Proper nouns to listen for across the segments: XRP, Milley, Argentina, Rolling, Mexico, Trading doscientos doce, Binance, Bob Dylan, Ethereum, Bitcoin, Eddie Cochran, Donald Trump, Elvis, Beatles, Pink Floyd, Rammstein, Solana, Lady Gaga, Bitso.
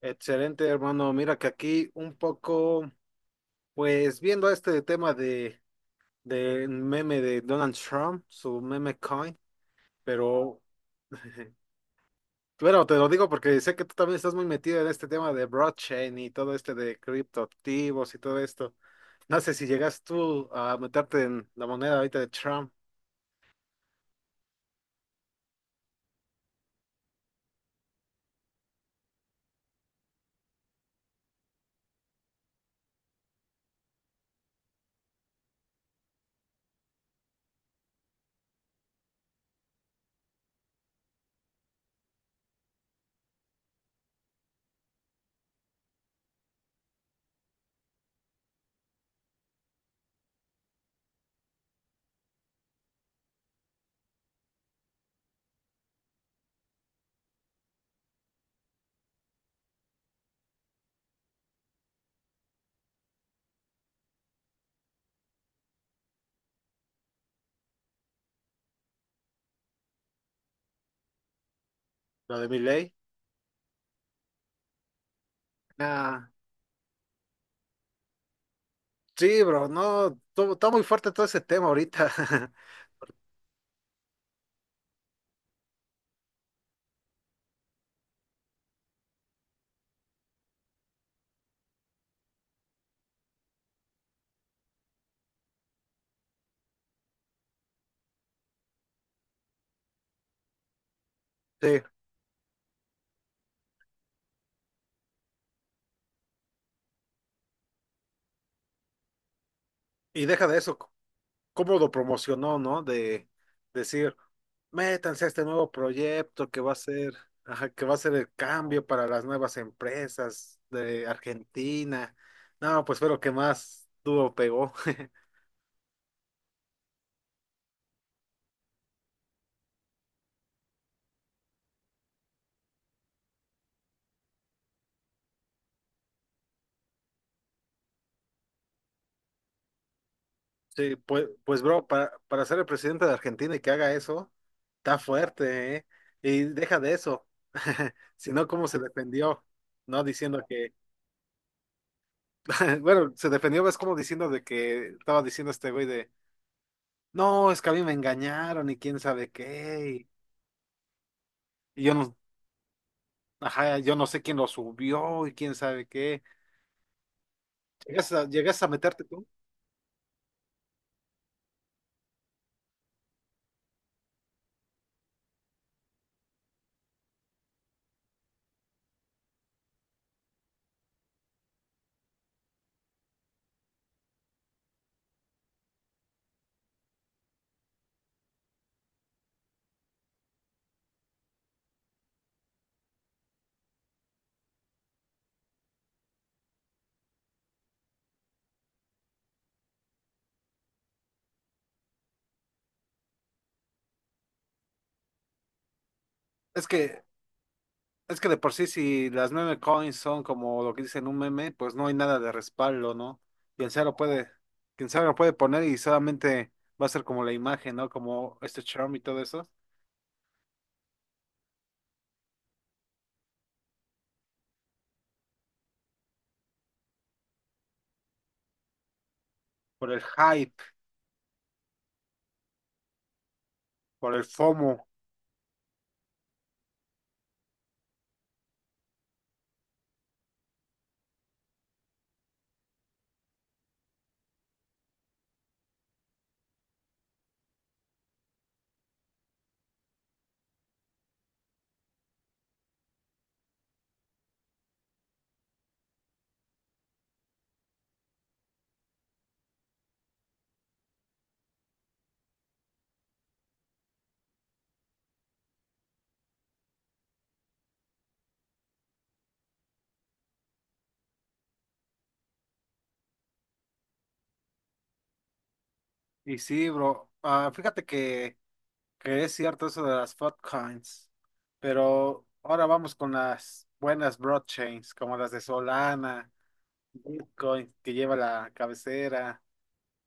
Excelente, hermano. Mira que aquí un poco, pues viendo este tema de del meme de Donald Trump, su meme coin, pero bueno, te lo digo porque sé que tú también estás muy metido en este tema de blockchain y todo este de criptoactivos y todo esto. No sé si llegas tú a meterte en la moneda ahorita de Trump, la de Milley. Ah, sí, bro, no, está muy fuerte todo ese tema ahorita. Sí, y deja de eso. ¿Cómo lo promocionó, no? De decir, métanse a este nuevo proyecto que va a ser, ajá, que va a ser el cambio para las nuevas empresas de Argentina. No, pues fue lo que más duro pegó. Sí, pues, pues bro, para ser el presidente de Argentina y que haga eso, está fuerte, ¿eh? Y deja de eso. ¿Sino cómo se defendió, no? Diciendo que, bueno, se defendió, ves como diciendo de que estaba diciendo este güey de: no, es que a mí me engañaron y quién sabe qué. Y, yo no, ajá, yo no sé quién lo subió y quién sabe qué. ¿Llegas a meterte tú? Es que, es que de por sí, si las meme coins son como lo que dicen un meme, pues no hay nada de respaldo, ¿no? Quien sea lo puede, quien sea lo puede poner y solamente va a ser como la imagen, ¿no? Como este charm y todo eso. Por el hype, por el FOMO. Y sí, bro. Ah, fíjate que es cierto eso de las altcoins, pero ahora vamos con las buenas blockchains, como las de Solana, Bitcoin, que lleva la cabecera,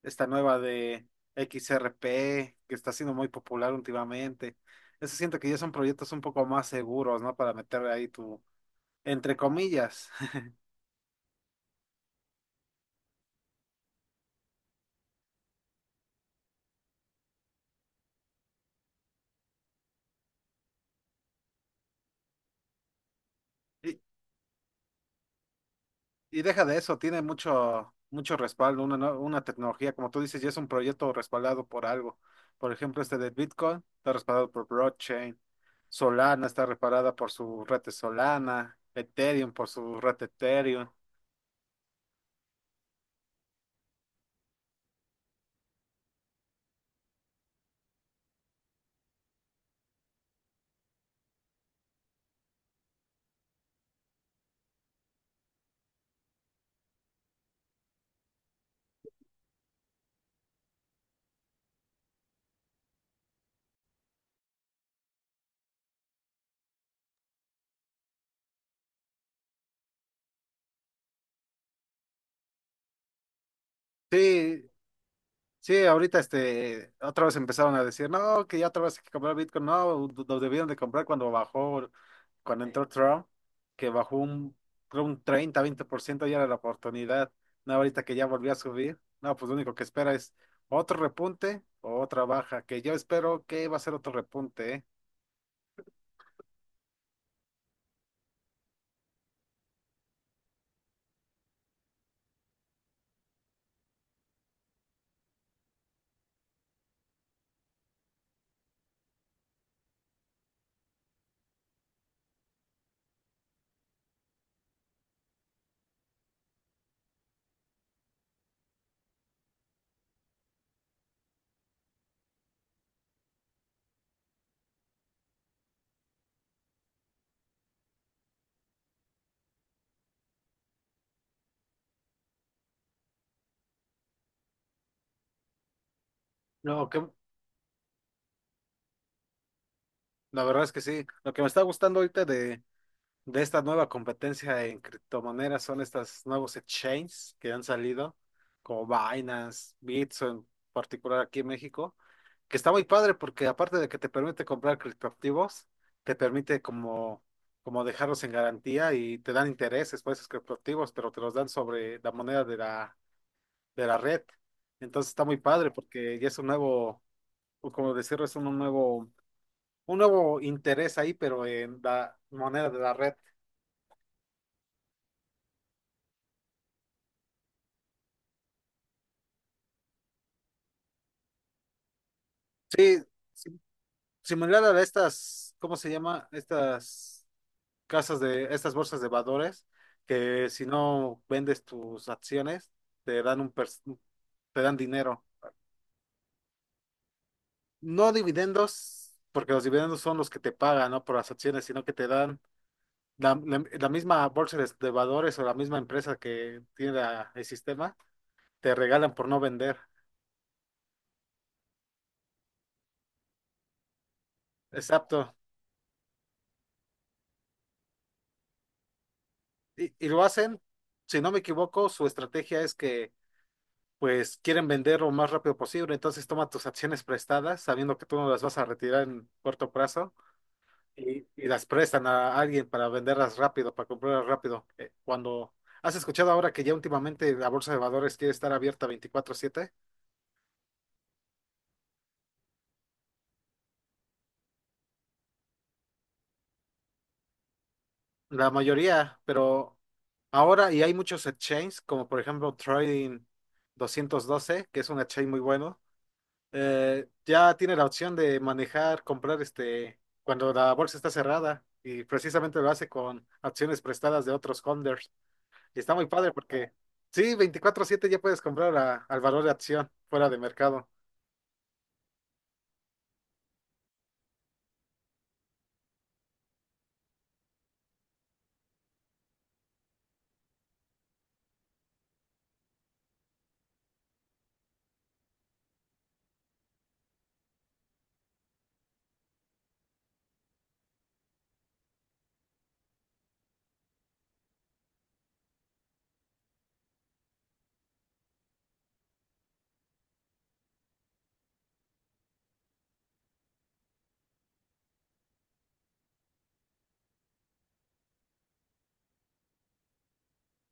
esta nueva de XRP, que está siendo muy popular últimamente. Eso siento que ya son proyectos un poco más seguros, ¿no? Para meter ahí tu, entre comillas. Y, Y deja de eso, tiene mucho, mucho respaldo, una, no- una tecnología, como tú dices, ya es un proyecto respaldado por algo. Por ejemplo, este de Bitcoin está respaldado por blockchain, Solana está respaldada por su red de Solana, Ethereum por su red de Ethereum. Sí, Sí, ahorita este, otra vez empezaron a decir, no, que ya otra vez hay que comprar Bitcoin, no, lo debieron de comprar cuando bajó, cuando sí, entró Trump, que bajó creo un 30, 20%, ya era la oportunidad, no, ahorita que ya volvió a subir, no, pues lo único que espera es otro repunte o otra baja, que yo espero que va a ser otro repunte, ¿eh? No, que, la verdad es que sí, lo que me está gustando ahorita de esta nueva competencia en criptomonedas son estos nuevos exchanges que han salido, como Binance, Bitso en particular aquí en México, que está muy padre porque aparte de que te permite comprar criptoactivos, te permite como dejarlos en garantía y te dan intereses por esos criptoactivos, pero te los dan sobre la moneda de la, red. Entonces está muy padre porque ya es un nuevo, o como decirlo, es un nuevo interés ahí, pero en la moneda de la red. Sí, similar a estas, ¿cómo se llama? Estas estas bolsas de valores, que si no vendes tus acciones, te dan un, per- te dan dinero. No dividendos, porque los dividendos son los que te pagan, ¿no? Por las acciones, sino que te dan la misma bolsa de valores o la misma empresa que tiene el sistema, te regalan por no vender. Exacto. Y lo hacen, si no me equivoco, su estrategia es que pues quieren vender lo más rápido posible, entonces toma tus acciones prestadas, sabiendo que tú no las vas a retirar en corto plazo, y las prestan a alguien para venderlas rápido, para comprarlas rápido. ¿Cuando has escuchado ahora que ya últimamente la bolsa de valores quiere estar abierta 24/7 la mayoría? Pero ahora y hay muchos exchanges, como por ejemplo Trading 212, que es un exchange muy bueno, ya tiene la opción de manejar, comprar este, cuando la bolsa está cerrada, y precisamente lo hace con acciones prestadas de otros holders. Y está muy padre porque sí, 24/7 ya puedes comprar a- al valor de acción fuera de mercado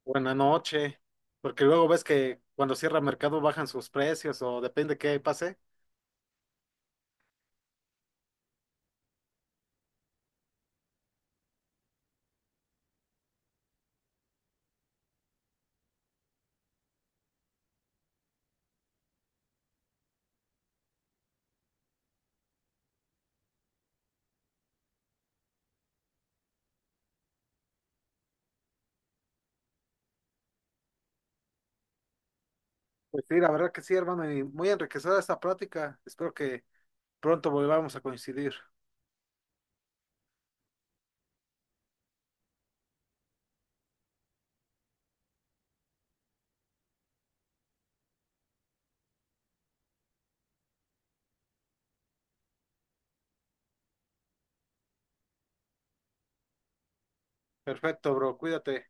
o en la noche, porque luego ves que cuando cierra mercado bajan sus precios o depende qué pase. Pues sí, la verdad que sí, hermano, y muy enriquecedora esta práctica. Espero que pronto volvamos a coincidir. Perfecto, bro, cuídate.